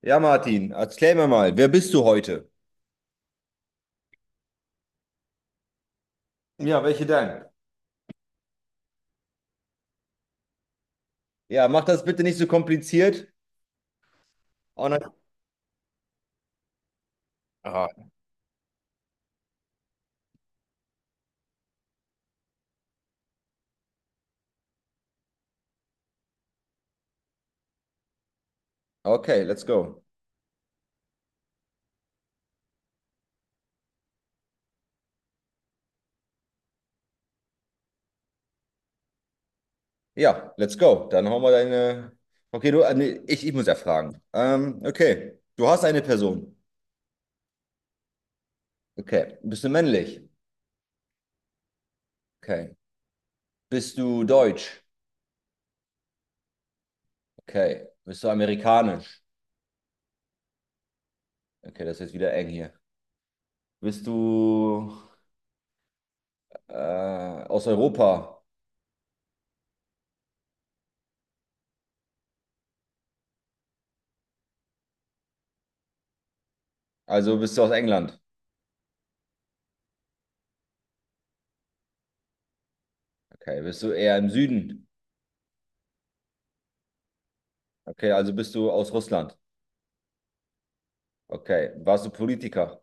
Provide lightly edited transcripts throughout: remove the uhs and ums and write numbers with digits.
Ja, Martin, erklär mir mal, wer bist du heute? Ja, welche denn? Ja, mach das bitte nicht so kompliziert. Und dann- Okay, let's go. Ja, let's go. Dann hauen wir deine. Okay, du, nee, ich muss ja fragen. Okay, du hast eine Person. Okay, bist du männlich? Okay. Bist du deutsch? Okay. Bist du amerikanisch? Okay, das ist jetzt wieder eng hier. Bist du äh, aus Europa? Also bist du aus England? Okay. Bist du eher im Süden? Okay, also bist du aus Russland. Okay. Warst du Politiker?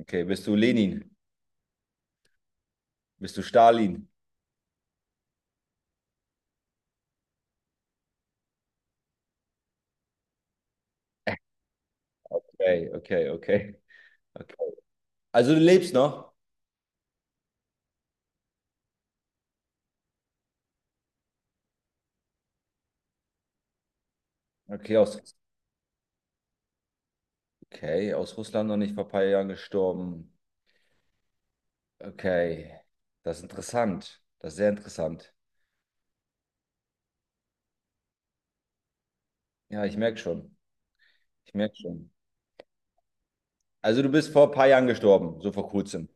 Okay. Bist du Lenin? Bist du Stalin? Okay, okay, okay. Okay. Also du lebst noch? Okay, okay, aus Russland noch nicht vor ein paar Jahren gestorben. Okay. Das ist interessant. Das ist sehr interessant. Ja, ich merke schon. Ich merke schon. Also du bist vor ein paar Jahren gestorben, so vor kurzem.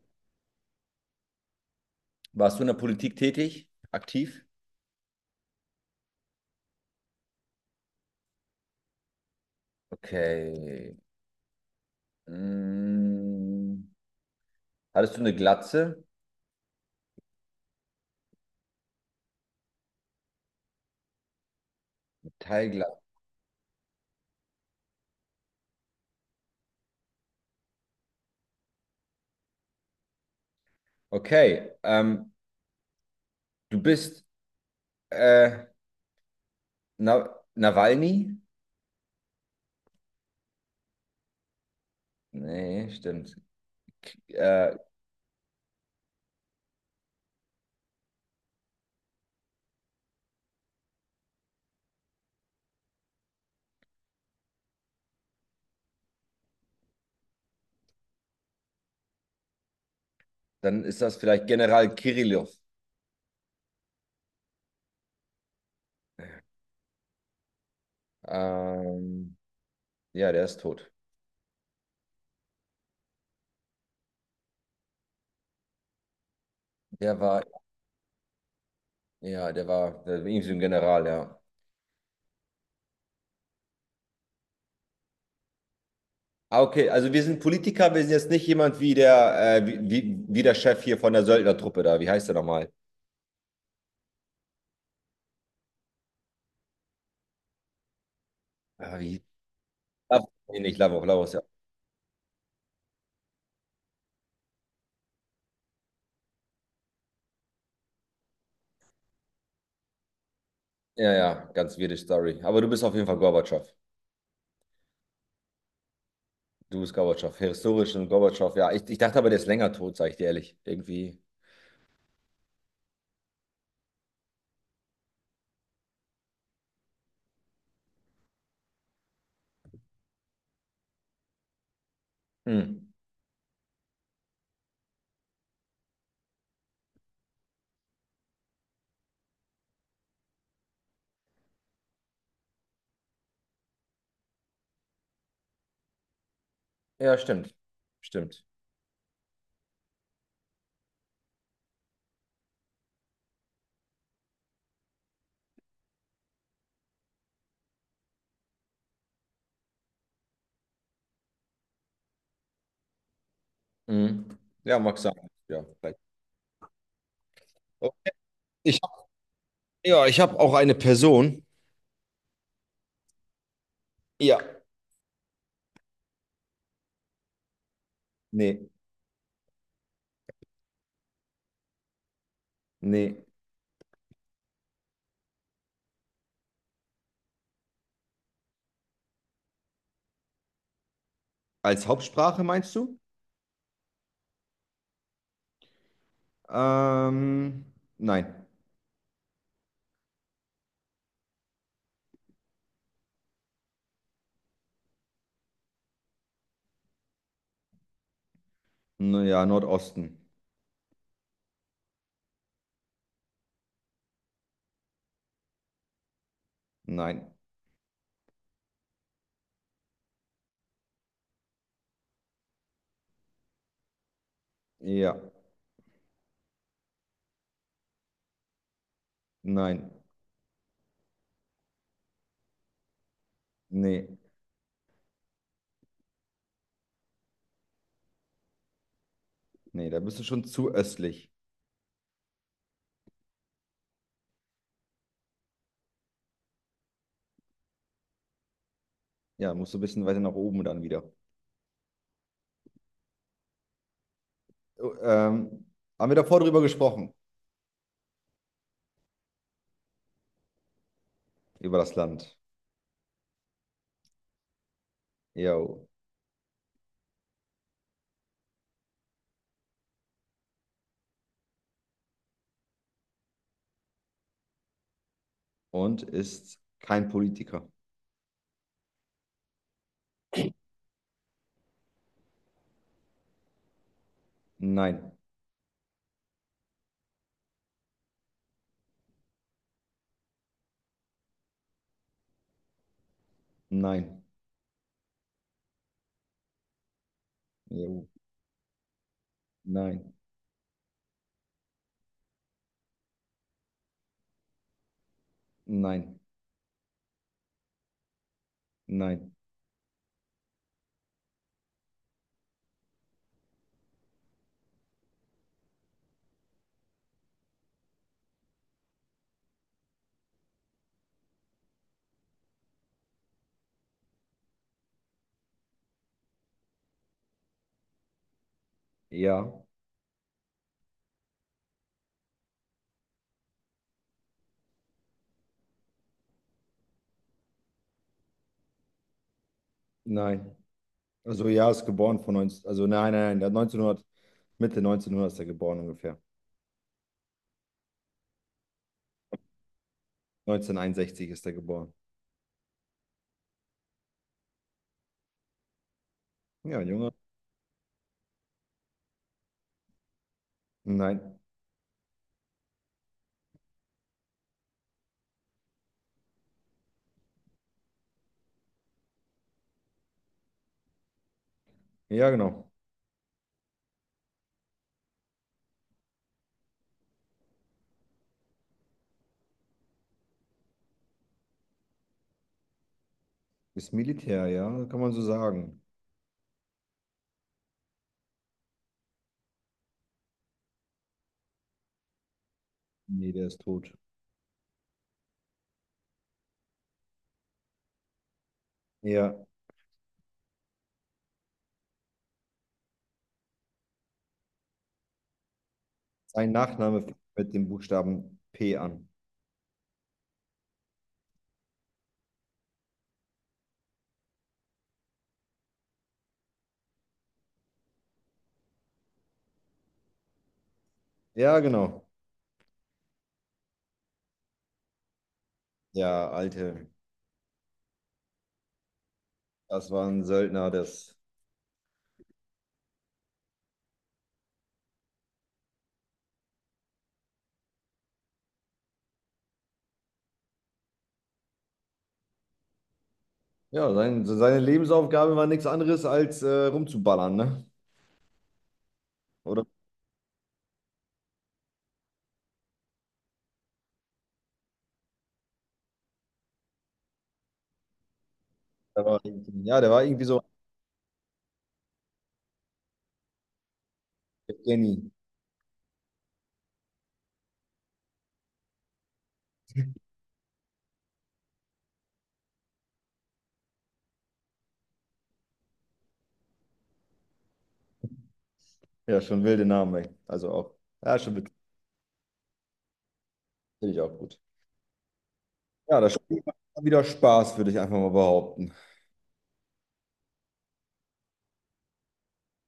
Warst du in der Politik tätig? Aktiv? Okay. Mm. Hattest du eine Glatze? Teilglatze. Okay. Du bist äh, Na Nawalny? Nee, stimmt. Äh, Dann ist das vielleicht General Kirillow. Ähm, ja, der ist tot. Der war, ja, der war irgendwie so ein General, ja. Ah, okay, also wir sind Politiker, wir sind jetzt nicht jemand wie wie der Chef hier von der Söldnertruppe da. Wie heißt der nochmal? Ah, wie? Lavrov, nee, nicht Lavrov, Lavrov, ist ja. Ja, ja, ganz weirde Story. Aber du bist auf jeden Fall Gorbatschow. Du bist Gorbatschow. Historisch und Gorbatschow, ja. Ich dachte aber, der ist länger tot, sag ich dir ehrlich. Irgendwie. Hm. Ja, stimmt. Stimmt. Mhm. Ja, mag sein. Ja, vielleicht. Oh, Ich hab, ja, ich habe auch eine Person. Ja. Nee, nee. Als Hauptsprache meinst du? Ähm, nein. Naja, Nordosten. Nein. Ja. Nein. Nee. Nee, da bist du schon zu östlich. Ja, musst du ein bisschen weiter nach oben dann wieder. Oh, haben wir davor drüber gesprochen? Über das Land. Jo. Und ist kein Politiker. Nein. Nein. Jo. Nein, nein, nein, ja, nein. Also ja, ist geboren von 19, also nein, nein, nein, der hat 1900, Mitte 1900 ist er geboren ungefähr. 1961 ist er geboren. Ja, ein Junge. Nein, ja, genau. Ist Militär, ja, kann man so sagen. Nee, der ist tot. Ja, sein Nachname fängt mit dem Buchstaben P an. Ja, genau. Ja, Alte, das war ein Söldner, ja, seine Lebensaufgabe war nichts anderes als rumzuballern, ne? Oder? Der war irgendwie so. Evgeny. Ja, schon wilde Namen, ey. Also auch, ja, schon natürlich auch gut. Ja, das Spiel macht wieder Spaß, würde ich einfach mal behaupten.